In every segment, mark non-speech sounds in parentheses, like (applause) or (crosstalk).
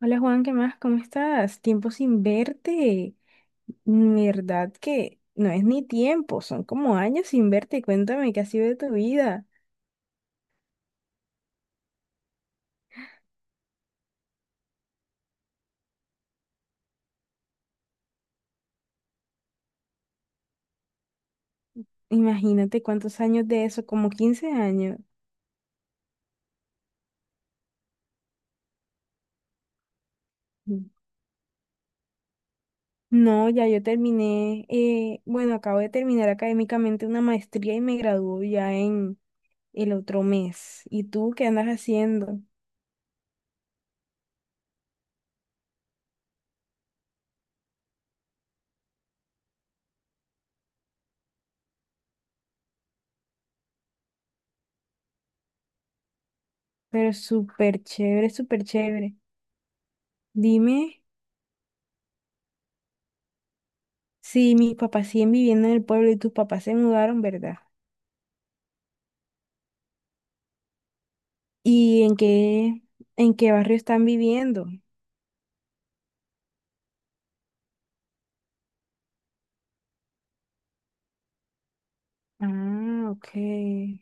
Hola Juan, ¿qué más? ¿Cómo estás? Tiempo sin verte. Verdad que no es ni tiempo, son como años sin verte. Cuéntame qué ha sido de tu vida. Imagínate cuántos años de eso, como 15 años. Mm. No, ya yo terminé, bueno, acabo de terminar académicamente una maestría y me graduó ya en el otro mes. ¿Y tú qué andas haciendo? Pero súper chévere, súper chévere. Dime si mis papás siguen viviendo en el pueblo y tus papás se mudaron, ¿verdad? ¿Y en qué barrio están viviendo? Ah, ok.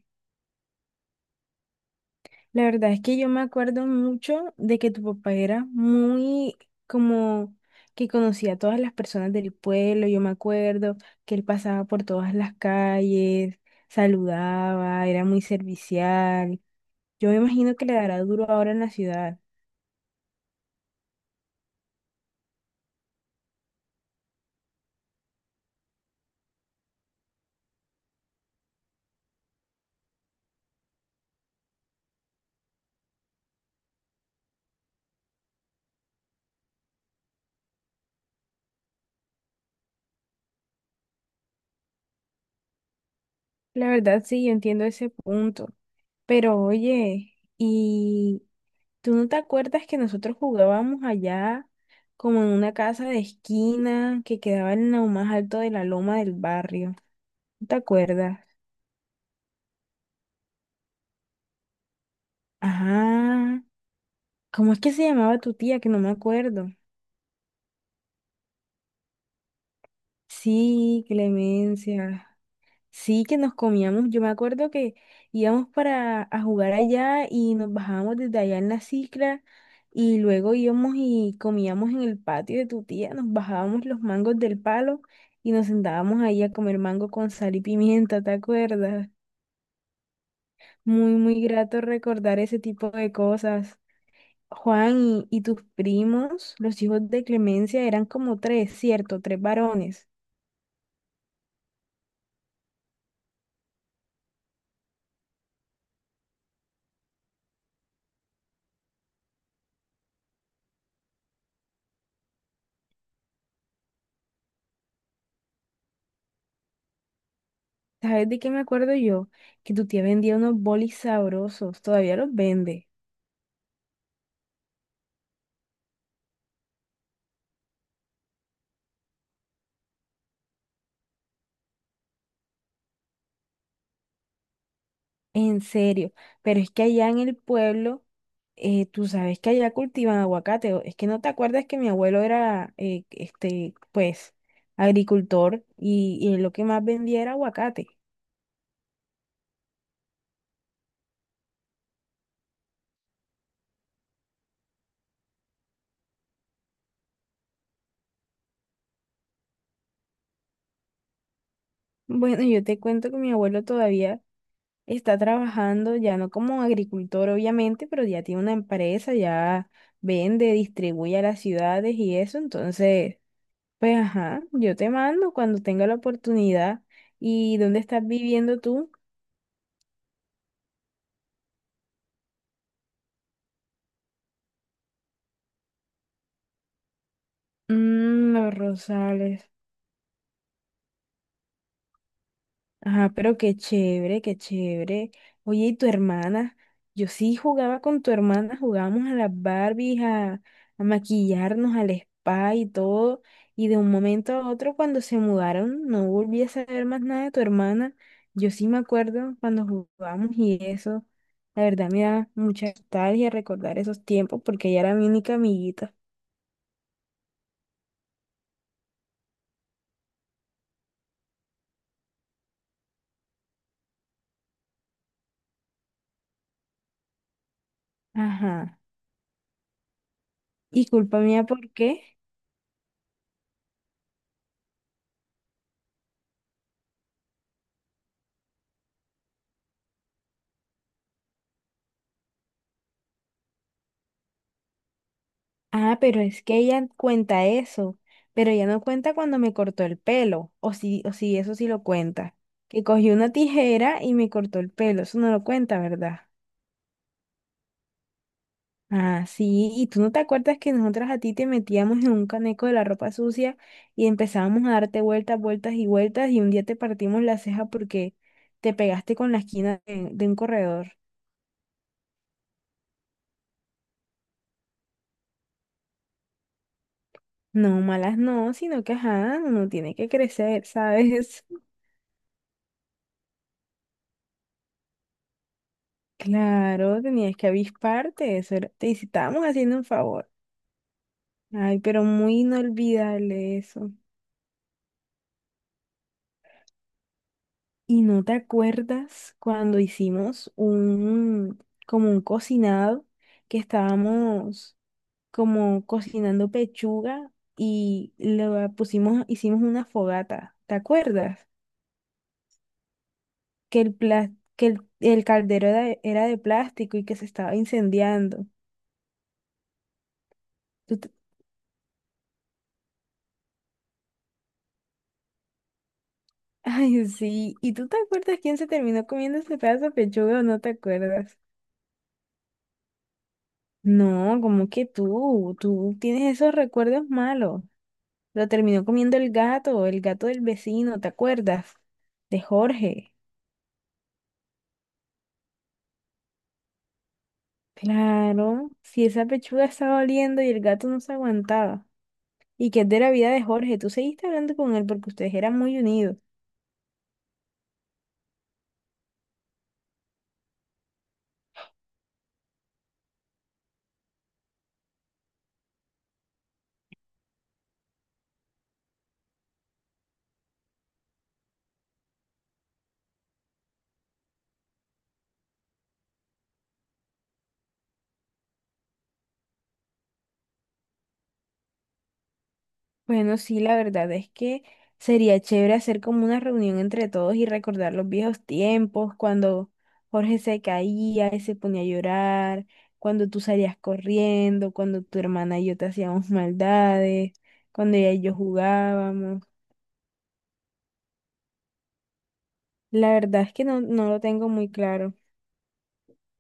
La verdad es que yo me acuerdo mucho de que tu papá era muy como que conocía a todas las personas del pueblo. Yo me acuerdo que él pasaba por todas las calles, saludaba, era muy servicial. Yo me imagino que le dará duro ahora en la ciudad. La verdad, sí, yo entiendo ese punto. Pero oye, ¿Tú no te acuerdas que nosotros jugábamos allá como en una casa de esquina que quedaba en lo más alto de la loma del barrio? ¿No te acuerdas? Ajá. ¿Cómo es que se llamaba tu tía? Que no me acuerdo. Sí, Clemencia. Sí, que nos comíamos, yo me acuerdo que íbamos para a jugar allá y nos bajábamos desde allá en la cicla y luego íbamos y comíamos en el patio de tu tía, nos bajábamos los mangos del palo y nos sentábamos ahí a comer mango con sal y pimienta, ¿te acuerdas? Muy, muy grato recordar ese tipo de cosas. Juan y tus primos, los hijos de Clemencia, eran como tres, ¿cierto? Tres varones. ¿Sabes de qué me acuerdo yo? Que tu tía vendía unos bolis sabrosos, todavía los vende, en serio. Pero es que allá en el pueblo, tú sabes que allá cultivan aguacate. Es que no te acuerdas que mi abuelo era, este, pues, agricultor y él lo que más vendía era aguacate. Bueno, yo te cuento que mi abuelo todavía está trabajando, ya no como agricultor, obviamente, pero ya tiene una empresa, ya vende, distribuye a las ciudades y eso, entonces... Pues ajá, yo te mando cuando tenga la oportunidad. ¿Y dónde estás viviendo tú? Mm, los Rosales. Ajá, pero qué chévere, qué chévere. Oye, ¿y tu hermana? Yo sí jugaba con tu hermana, jugábamos a las Barbies, a maquillarnos, al spa y todo. Y de un momento a otro, cuando se mudaron, no volví a saber más nada de tu hermana. Yo sí me acuerdo cuando jugábamos y eso. La verdad me da mucha nostalgia recordar esos tiempos porque ella era mi única amiguita. Ajá. Y culpa mía, ¿por qué? Ah, pero es que ella cuenta eso, pero ella no cuenta cuando me cortó el pelo, o sí, eso sí lo cuenta. Que cogió una tijera y me cortó el pelo, eso no lo cuenta, ¿verdad? Ah, sí, y tú no te acuerdas que nosotras a ti te metíamos en un caneco de la ropa sucia y empezábamos a darte vueltas, vueltas y vueltas y un día te partimos la ceja porque te pegaste con la esquina de un corredor. No, malas no, sino que ajá, uno tiene que crecer, (laughs) ¿sabes? Claro, tenías que avisparte, eso era- te estábamos haciendo un favor. Ay, pero muy inolvidable eso. ¿Y no te acuerdas cuando hicimos un, como un cocinado, que estábamos como cocinando pechuga y lo pusimos, hicimos una fogata? ¿Te acuerdas? Que que el caldero era de plástico y que se estaba incendiando. Ay, sí. ¿Y tú te acuerdas quién se terminó comiendo ese pedazo de pechuga o no te acuerdas? No, como que tú tienes esos recuerdos malos. Lo terminó comiendo el gato del vecino, ¿te acuerdas? De Jorge. Claro, si esa pechuga estaba oliendo y el gato no se aguantaba. ¿Y que es de la vida de Jorge? Tú seguiste hablando con él porque ustedes eran muy unidos. Bueno, sí, la verdad es que sería chévere hacer como una reunión entre todos y recordar los viejos tiempos, cuando Jorge se caía y se ponía a llorar, cuando tú salías corriendo, cuando tu hermana y yo te hacíamos maldades, cuando ella y yo jugábamos. La verdad es que no, no lo tengo muy claro,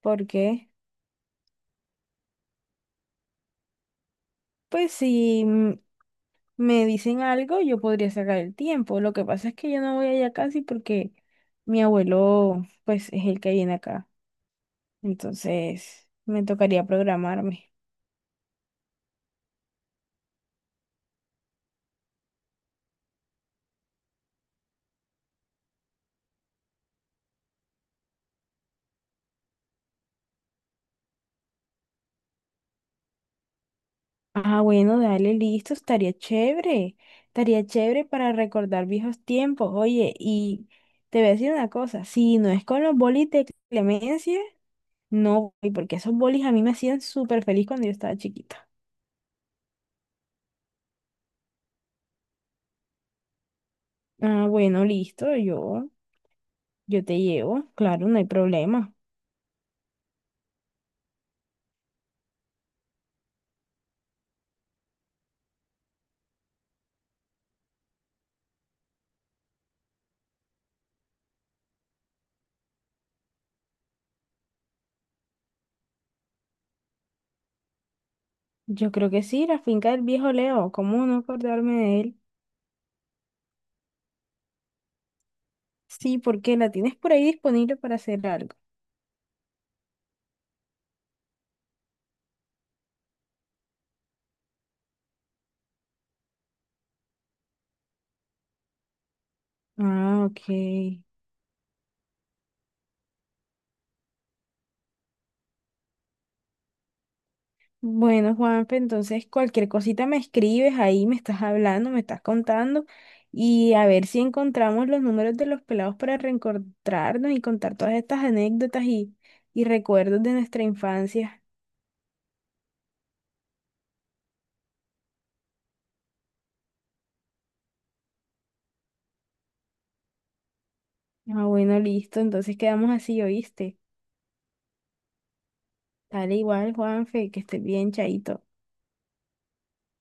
porque pues si me dicen algo, yo podría sacar el tiempo. Lo que pasa es que yo no voy allá casi porque mi abuelo pues es el que viene acá. Entonces, me tocaría programarme. Ah, bueno, dale, listo, estaría chévere. Estaría chévere para recordar viejos tiempos. Oye, y te voy a decir una cosa, si no es con los bolis de Clemencia, no voy, porque esos bolis a mí me hacían súper feliz cuando yo estaba chiquita. Ah, bueno, listo, yo te llevo, claro, no hay problema. Yo creo que sí, la finca del viejo Leo, ¿cómo no acordarme de él? Sí, porque la tienes por ahí disponible para hacer algo. Ah, ok. Bueno, Juanfe, entonces cualquier cosita me escribes ahí, me estás hablando, me estás contando y a ver si encontramos los números de los pelados para reencontrarnos y contar todas estas anécdotas y recuerdos de nuestra infancia. Ah, bueno, listo, entonces quedamos así, ¿oíste? Dale igual, Juanfe, que estés bien, chaito.